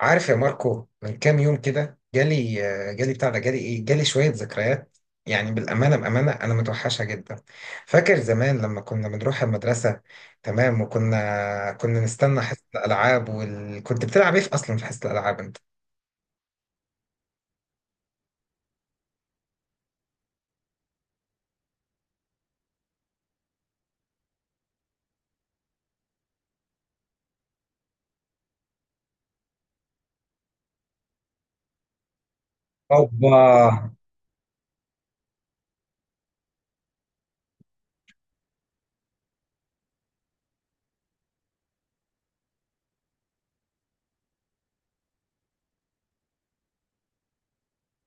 عارف يا ماركو، من كام يوم كده جالي. جالي بتاع ده، جالي ايه، جالي شوية ذكريات. يعني بالأمانة، بأمانة أنا متوحشة جدا. فاكر زمان لما كنا بنروح المدرسة؟ تمام. وكنا كنا نستنى حصة الألعاب كنت بتلعب ايه في أصلا في حصة الألعاب أنت؟ اوبا.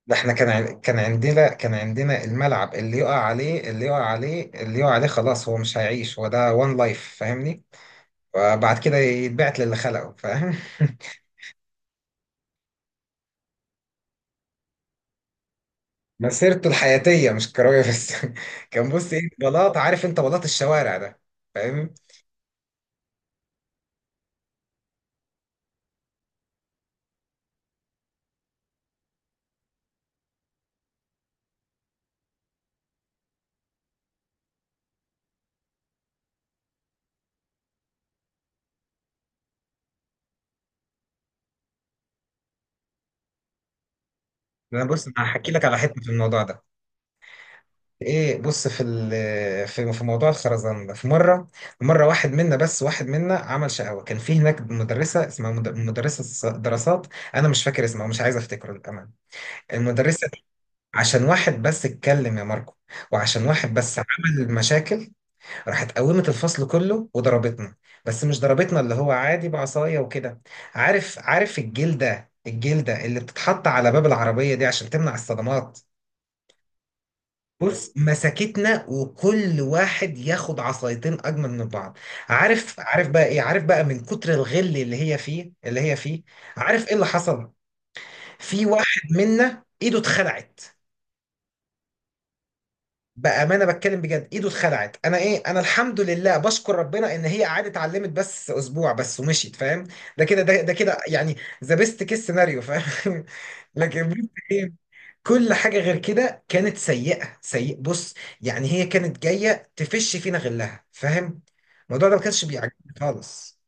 ده احنا كان عندنا الملعب اللي يقع عليه اللي يقع عليه اللي يقع عليه خلاص، هو مش هيعيش. هو ده وان لايف، فاهمني؟ وبعد كده يتبعت للي خلقه، فاهم؟ مسيرته الحياتية مش كروية بس. كان بص ايه، بلاط. عارف انت بلاط الشوارع ده؟ فاهم. انا بص، انا هحكي لك على حتة في الموضوع ده. ايه بص، في موضوع الخرزان ده، في مرة. مرة واحد منا بس، واحد منا عمل شقاوة. كان في هناك مدرسة اسمها مدرسة دراسات. انا مش فاكر اسمها، مش عايز افتكره للأمانة، المدرسة دي. عشان واحد بس اتكلم يا ماركو، وعشان واحد بس عمل مشاكل، راحت قومت الفصل كله وضربتنا. بس مش ضربتنا اللي هو عادي بعصاية وكده. عارف، عارف الجلدة اللي بتتحط على باب العربية دي عشان تمنع الصدمات؟ بص، مسكتنا وكل واحد ياخد عصايتين اجمل من بعض. عارف، عارف بقى ايه؟ عارف بقى من كتر الغل اللي هي فيه. عارف ايه اللي حصل؟ في واحد منا ايده اتخلعت. بأمانة بتكلم بجد، ايده اتخلعت. انا ايه، انا الحمد لله، بشكر ربنا ان هي قعدت اتعلمت بس اسبوع بس ومشيت، فاهم؟ ده كده يعني. ذا بيست كيس سيناريو، فاهم؟ لكن بص ايه، كل حاجة غير كده كانت سيئة. سيء بص، يعني هي كانت جاية تفش فينا غلها، فاهم؟ الموضوع ده ما كانش بيعجبني خالص.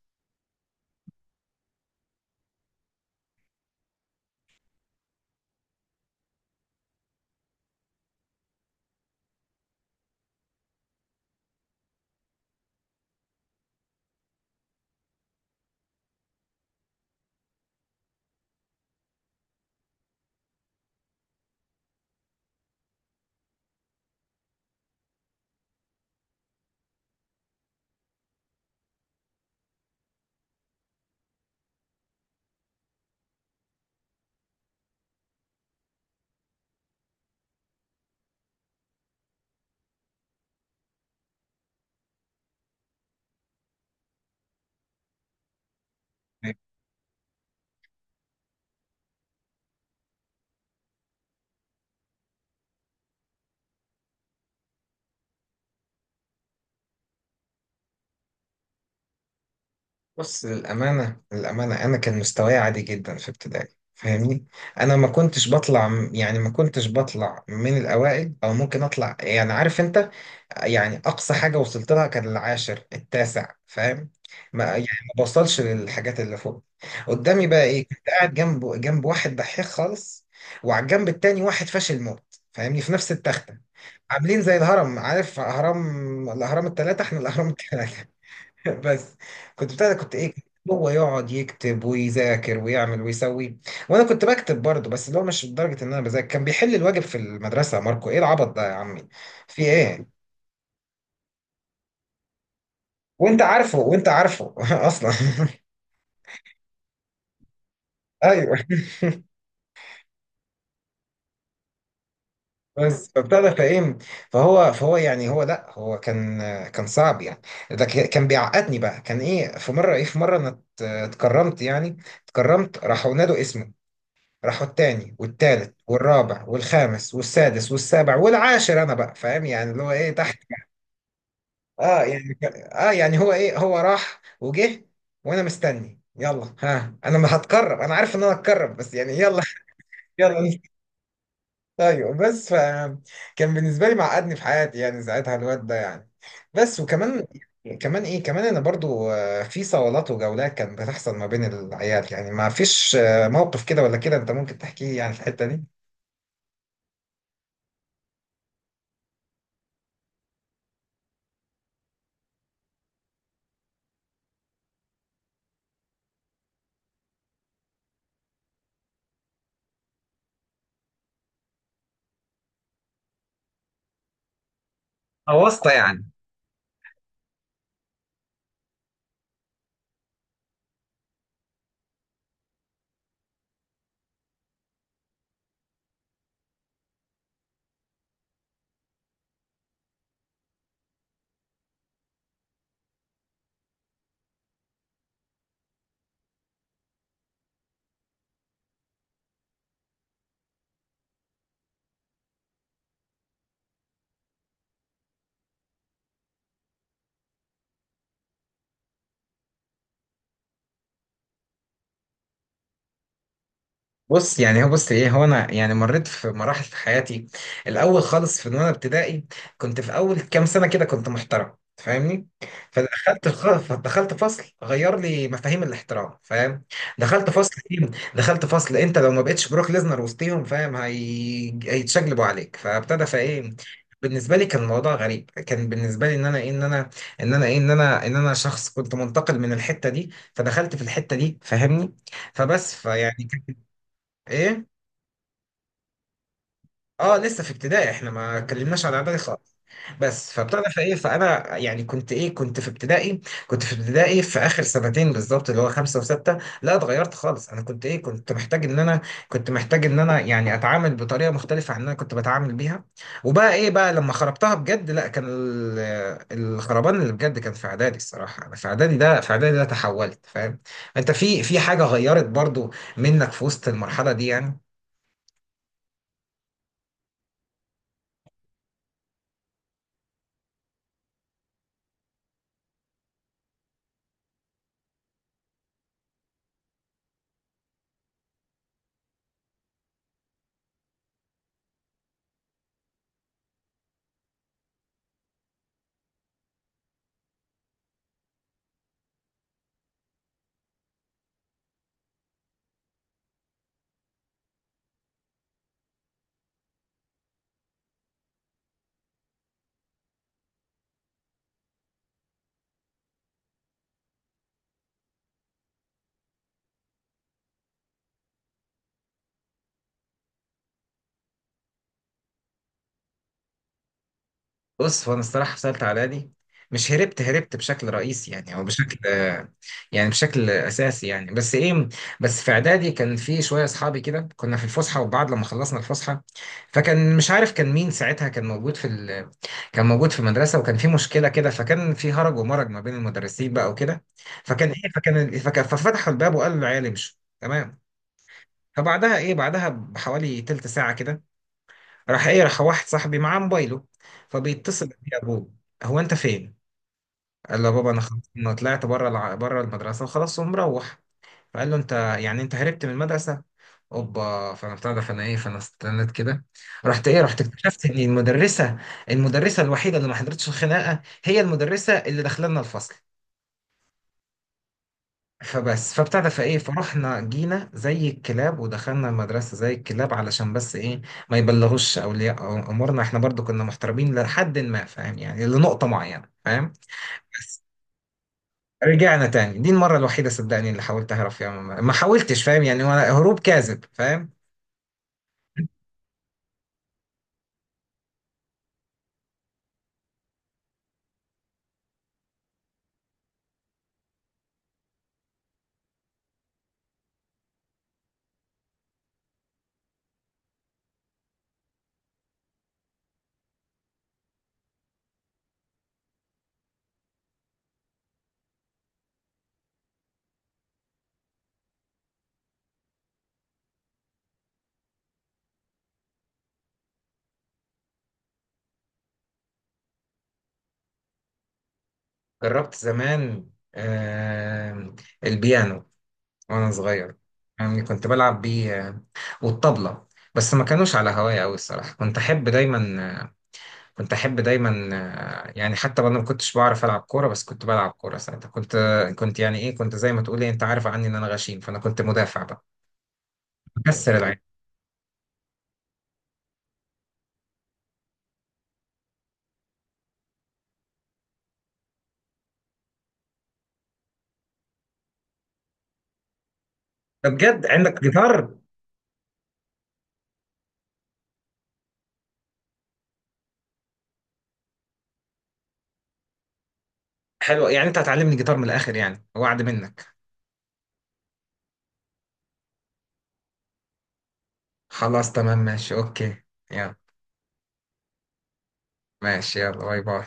بص، للأمانة، أنا كان مستواي عادي جدا في ابتدائي، فاهمني؟ أنا ما كنتش بطلع، يعني ما كنتش بطلع من الأوائل، أو ممكن أطلع يعني، عارف أنت. يعني أقصى حاجة وصلت لها كان العاشر، التاسع، فاهم؟ ما يعني ما بوصلش للحاجات اللي فوق. قدامي بقى إيه؟ كنت قاعد جنب، جنب واحد دحيح خالص، وعلى الجنب التاني واحد فاشل موت، فاهمني، في نفس التختة. عاملين زي الهرم. عارف هرم الأهرام التلاتة؟ إحنا الأهرام التلاتة. بس. كنت بتاع ده، كنت ايه، هو يقعد يكتب ويذاكر ويعمل ويسوي. وانا كنت بكتب برضه، بس اللي هو مش لدرجه ان انا بذاكر. كان بيحل الواجب في المدرسه يا ماركو. ايه العبط ده يا عمي؟ في ايه؟ وانت عارفه، وانت عارفه اصلا. ايوه. بس فبتاع ده فايه. فهو يعني، هو لا، هو كان كان صعب يعني. كان بيعقدني بقى. كان ايه في مره، ايه في مره انا اتكرمت يعني. اتكرمت، راحوا نادوا اسمي. راحوا التاني والتالت والرابع والخامس والسادس والسابع والعاشر. انا بقى فاهم يعني اللي هو ايه، تحت. اه يعني اه يعني هو ايه، هو راح وجه. وانا مستني، يلا ها، انا ما هتكرر، انا عارف ان انا هتكرر بس يعني يلا. يلا نست- ايوه بس ف، كان بالنسبه لي معقدني في حياتي يعني ساعتها الواد ده يعني. بس. وكمان، كمان ايه، كمان انا برضو في صولات وجولات كانت بتحصل ما بين العيال. يعني ما فيش موقف كده ولا كده انت ممكن تحكيه يعني في الحته دي؟ أواسطة يعني؟ بص يعني هو، بص ايه، هو انا يعني مريت في مراحل في حياتي. الاول خالص في وانا ابتدائي كنت في اول كام سنه كده كنت محترم، فاهمني؟ فدخلت دخلت فصل غير لي مفاهيم الاحترام، فاهم؟ دخلت فصل فيهم، دخلت فصل انت لو ما بقتش بروك ليزنر وسطيهم فاهم، هي... هيتشقلبوا عليك. فابتدى فايه، بالنسبه لي كان الموضوع غريب. كان بالنسبه لي ان انا ايه، ان انا، ان انا ايه، ان انا، ان انا شخص كنت منتقل من الحته دي فدخلت في الحته دي، فاهمني؟ فبس فيعني ايه. اه لسه في ابتدائي، احنا ما اتكلمناش عن اعدادي خالص. بس فابتدى في ايه، فانا يعني كنت ايه كنت في ابتدائي. كنت في ابتدائي في اخر سنتين بالظبط، اللي هو خمسه وسته، لا اتغيرت خالص. انا كنت ايه، كنت محتاج ان انا، كنت محتاج ان انا يعني اتعامل بطريقه مختلفه عن اللي انا كنت بتعامل بيها. وبقى ايه بقى لما خربتها بجد. لا، كان الخربان اللي بجد كان في اعدادي الصراحه. انا في اعدادي ده، في اعدادي ده تحولت، فاهم؟ انت في حاجه غيرت برضو منك في وسط المرحله دي يعني؟ بص هو، انا الصراحه سالت على دي. مش هربت، هربت بشكل رئيسي يعني، او بشكل، يعني بشكل اساسي يعني. بس ايه، بس في اعدادي كان في شويه اصحابي كده. كنا في الفسحه وبعد لما خلصنا الفسحه، فكان مش عارف كان مين ساعتها كان موجود كان موجود في المدرسه وكان في مشكله كده. فكان في هرج ومرج ما بين المدرسين بقى وكده. فكان ايه، ففتحوا الباب وقالوا العيال امشوا. تمام. فبعدها ايه، بعدها بحوالي تلت ساعه كده، راح ايه راح واحد صاحبي معاه موبايله، فبيتصل بيه ابوه. هو، انت فين؟ قال له بابا، انا خلاص انا طلعت بره بره المدرسه وخلاص ومروح. فقال له، انت يعني انت هربت من المدرسه؟ اوبا. فانا بتاع ده، فانا ايه، فانا استنيت كده. رحت ايه، رحت اكتشفت ان المدرسه، المدرسه الوحيده اللي ما حضرتش الخناقه هي المدرسه اللي داخله لنا الفصل. فبس فابتدى فايه، فرحنا جينا زي الكلاب ودخلنا المدرسه زي الكلاب علشان بس ايه ما يبلغوش اولياء امورنا. احنا برضو كنا محترمين لحد ما، فاهم يعني، لنقطه معينه، فاهم؟ بس. رجعنا تاني. دي المره الوحيده صدقني اللي حاولت اهرب فيها، ما حاولتش، فاهم يعني، ولا هروب كاذب، فاهم؟ جربت زمان، آه، البيانو، وانا صغير، يعني كنت بلعب بيه. والطبلة. بس ما كانوش على هواية أوي الصراحة. كنت أحب دايما، كنت احب دايما يعني حتى وانا ما كنتش بعرف العب كوره، بس كنت بلعب كوره ساعتها. كنت، كنت يعني ايه، كنت زي ما تقول إيه، انت عارف عني ان انا غشيم، فانا كنت مدافع بقى، بكسر العين. طب بجد عندك جيتار؟ حلو. يعني انت هتعلمني جيتار من الاخر يعني، وعد منك؟ خلاص تمام، ماشي اوكي. يلا. ماشي يلا، باي باي.